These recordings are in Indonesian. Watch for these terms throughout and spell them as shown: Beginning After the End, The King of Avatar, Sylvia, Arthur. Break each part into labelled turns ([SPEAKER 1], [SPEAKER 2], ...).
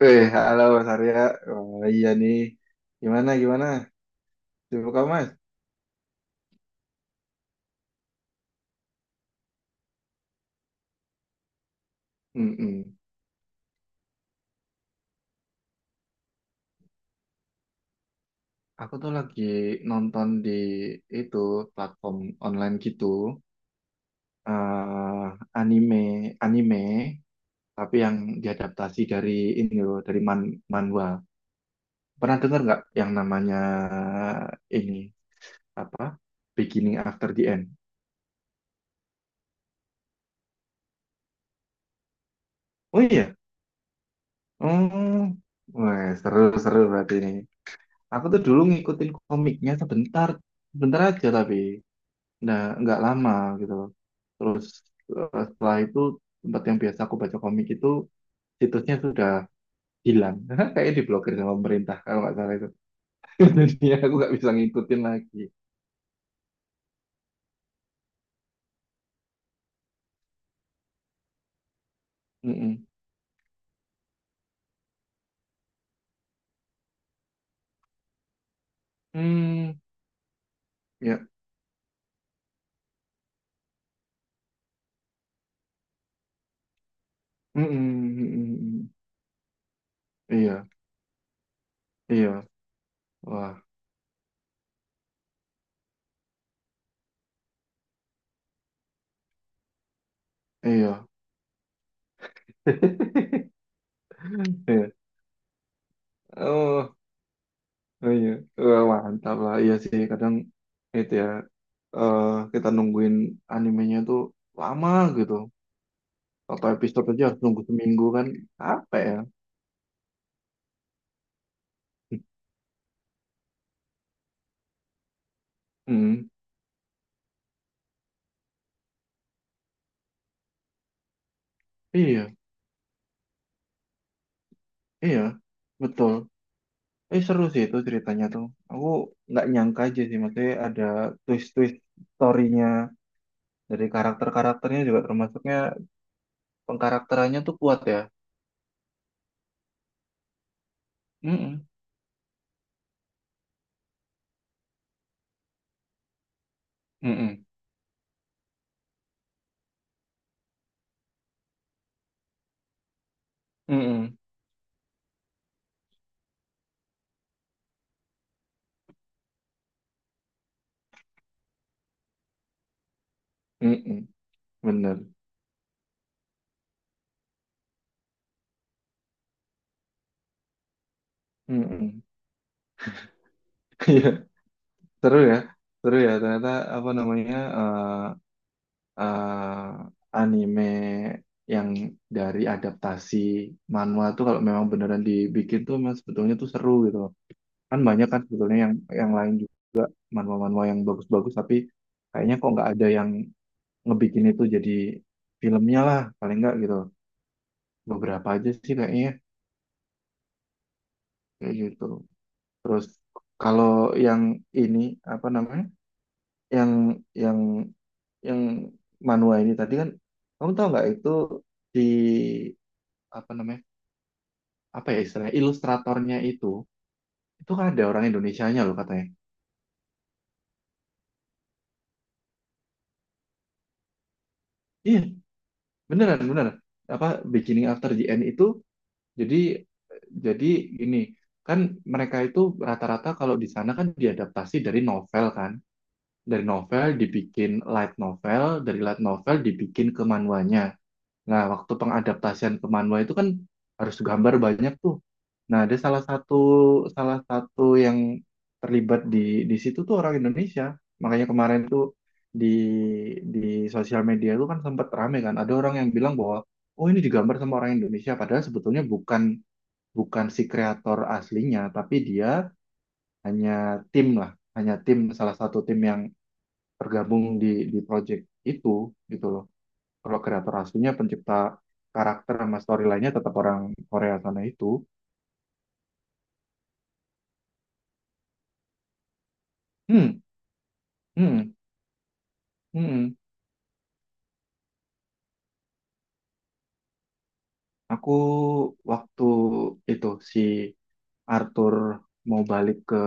[SPEAKER 1] Eh, halo Mas Arya. Wah, iya nih. Gimana, gimana? Sibuk kamu, Mas? Mm-mm. Aku tuh lagi nonton di itu platform online gitu. eh anime, anime, tapi yang diadaptasi dari ini loh, dari manhwa. Pernah dengar nggak yang namanya ini apa? Beginning After the End. Oh iya. Oh, wah, seru-seru berarti ini. Aku tuh dulu ngikutin komiknya sebentar aja tapi nah nggak lama gitu loh. Terus setelah itu tempat yang biasa aku baca komik itu situsnya sudah hilang. Kayaknya diblokir sama pemerintah kalau nggak salah itu. Jadi ya aku nggak bisa ngikutin lagi. Mm-mm. Hmm, ya. Mm-mm, mm-mm, mm-mm. Iya, iya, wah, iya, iya. Oh. Oh iya. Wah, mantap lah. Iya sih, kadang itu ya, eh, kita nungguin animenya tuh lama gitu. Satu episode aja harus nunggu seminggu kan. Apa ya? Hmm, iya, iya, betul. Eh, seru sih itu ceritanya tuh. Aku nggak nyangka aja sih, maksudnya ada twist-twist story-nya dari karakter-karakternya juga termasuknya pengkarakterannya tuh kuat ya. Mm-mm. Mm-mm. Mm-mm. Mm-mm. Bener. Mm-mm. Seru ya, seru ya. Ternyata apa namanya anime yang dari adaptasi manhwa tuh kalau memang beneran dibikin tuh memang sebetulnya tuh seru gitu. Kan banyak kan sebetulnya yang lain juga manhwa-manhwa yang bagus-bagus tapi kayaknya kok nggak ada yang ngebikin itu jadi filmnya lah paling nggak gitu. Beberapa aja sih kayaknya kayak gitu. Terus kalau yang ini apa namanya? Yang yang yang manual ini tadi kan kamu tahu nggak itu di apa namanya apa ya istilahnya ilustratornya itu kan ada orang Indonesianya loh katanya iya beneran beneran apa Beginning After the End itu jadi jadi gini kan mereka itu rata-rata kalau di sana kan diadaptasi dari novel kan dari novel dibikin light novel dari light novel dibikin ke manhwanya. Nah, waktu pengadaptasian ke manual itu kan harus gambar banyak tuh. Nah, ada salah satu yang terlibat di situ tuh orang Indonesia. Makanya kemarin tuh di di sosial media tuh kan sempat rame kan. Ada orang yang bilang bahwa oh ini digambar sama orang Indonesia padahal sebetulnya bukan bukan si kreator aslinya, tapi dia hanya tim lah, hanya tim salah satu tim yang tergabung di project itu gitu loh. Kalau kreator aslinya pencipta karakter sama story lainnya tetap orang Korea sana itu. Hmm, hmm, hmm. Aku waktu itu si Arthur mau balik ke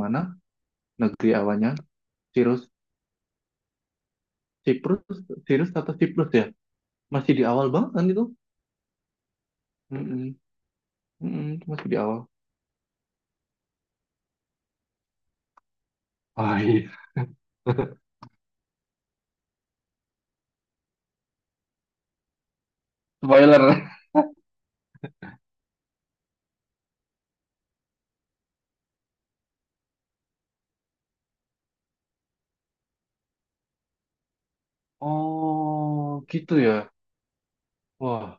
[SPEAKER 1] mana? Negeri awalnya, Sirus, Siprus, Sirus atau Siprus ya? Masih di awal banget kan itu? Hmm, hmm, hmm, masih di awal. Ah, iya. Spoiler. Oh, gitu ya. Wah.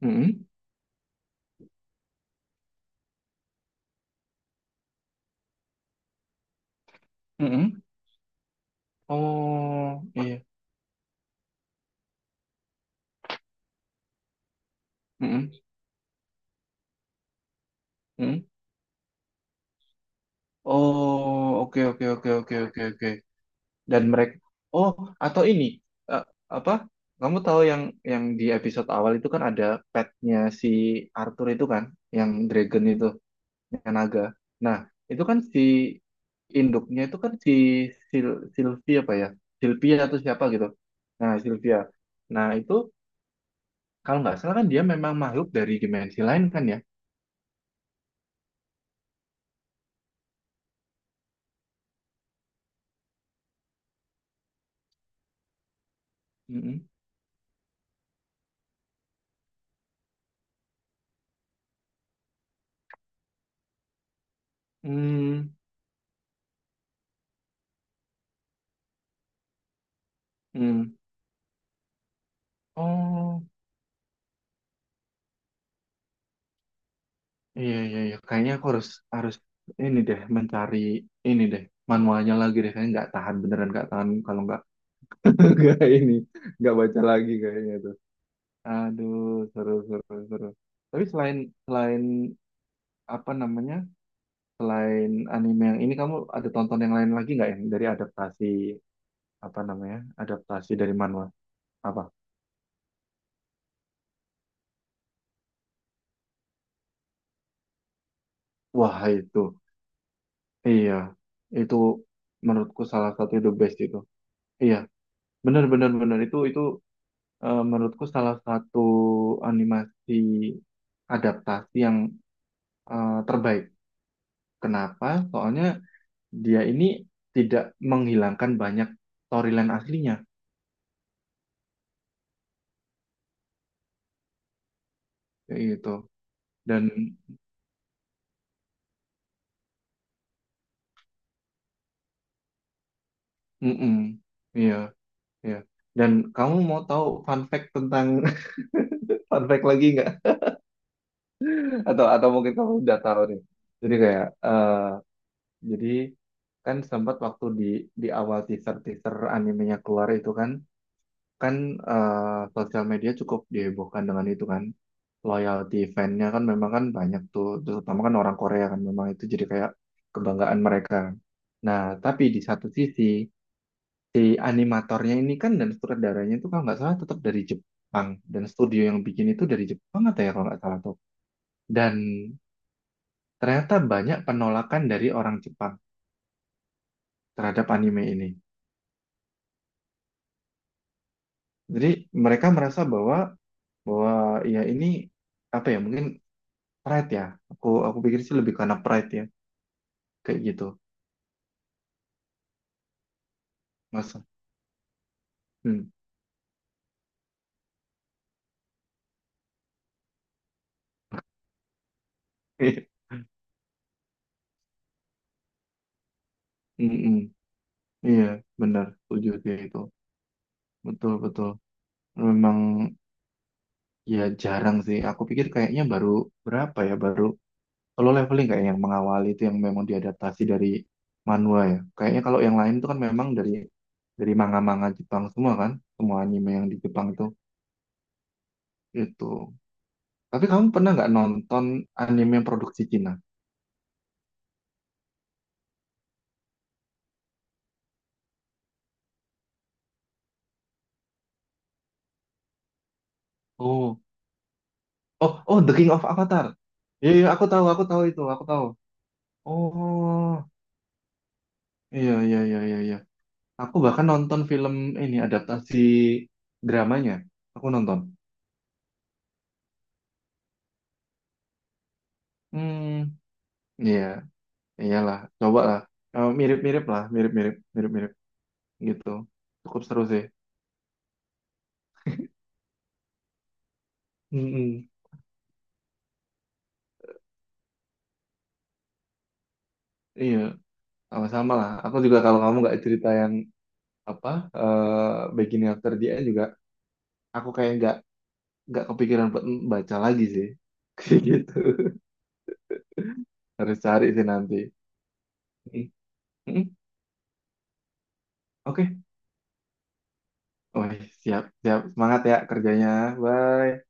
[SPEAKER 1] Hmm, hmm. Oh, iya. Hmm. Oh, oke, oke, oke, oke, oke, oke. Dan mereka Oh, atau ini eh, apa? Kamu tahu yang di episode awal itu kan ada petnya si Arthur itu kan, yang dragon itu, yang naga. Nah, itu kan si induknya itu kan si Sil Sylvia apa ya? Sylvia atau siapa gitu. Nah, Sylvia. Nah, itu kalau nggak salah kan dia memang makhluk dari dimensi lain kan ya? Mm-mm. Hmm. Hmm. Oh. Iya, iya, iya. Kayaknya aku harus harus ini deh mencari ini deh manualnya lagi deh. Kayaknya nggak tahan beneran nggak tahan kalau nggak nggak ini nggak baca lagi kayaknya tuh. Aduh, seru seru seru. Tapi selain selain apa namanya selain anime yang ini kamu ada tonton yang lain lagi nggak yang dari adaptasi apa namanya adaptasi dari manual apa? Wah itu iya itu menurutku salah satu the best itu. Iya bener bener bener itu menurutku salah satu animasi adaptasi yang terbaik. Kenapa? Soalnya dia ini tidak menghilangkan banyak storyline aslinya, kayak gitu. Dan, mm-mm, iya, iya. Dan kamu mau tahu fun fact tentang fun fact lagi nggak? Atau mungkin kamu udah tahu nih. Jadi kayak, jadi kan sempat waktu di awal teaser teaser animenya keluar itu kan kan eh, sosial media cukup dihebohkan dengan itu kan loyalty fan-nya kan memang kan banyak tuh terutama kan orang Korea kan memang itu jadi kayak kebanggaan mereka kan. Nah tapi di satu sisi si animatornya ini kan dan sutradaranya itu kalau nggak salah tetap dari Jepang dan studio yang bikin itu dari Jepang atau ya kalau nggak salah tuh dan ternyata banyak penolakan dari orang Jepang terhadap anime ini jadi mereka merasa bahwa bahwa ya ini apa ya mungkin Pride ya. Aku pikir sih lebih karena pride ya, kayak gitu. Masa. Hmm. Mm-mm. Iya, benar. Setuju sih itu. Betul, betul. Memang ya jarang sih. Aku pikir kayaknya baru berapa ya, baru kalau leveling kayak yang mengawali itu yang memang diadaptasi dari manhwa ya. Kayaknya kalau yang lain itu kan memang dari manga-manga Jepang semua kan, semua anime yang di Jepang itu. Tapi kamu pernah nggak nonton anime yang produksi Cina? Oh, oh, oh, The King of Avatar. Iya, iya, aku tahu itu, aku tahu. Oh, iya, iya, iya, iya, iya. Aku bahkan nonton film ini adaptasi dramanya. Aku nonton. Hmm, iya, iyalah, coba lah. Eh, mirip-mirip lah, mirip-mirip, mirip-mirip gitu. Cukup seru sih. Mm-mm. Iya, sama-sama lah. Aku juga kalau kamu nggak cerita yang apa Beginning After the End juga, aku kayak nggak kepikiran buat baca lagi sih. Kayak gitu. Harus cari sih nanti. Mm, mm. Oke. Wah, siap, siap. Semangat ya kerjanya. Bye.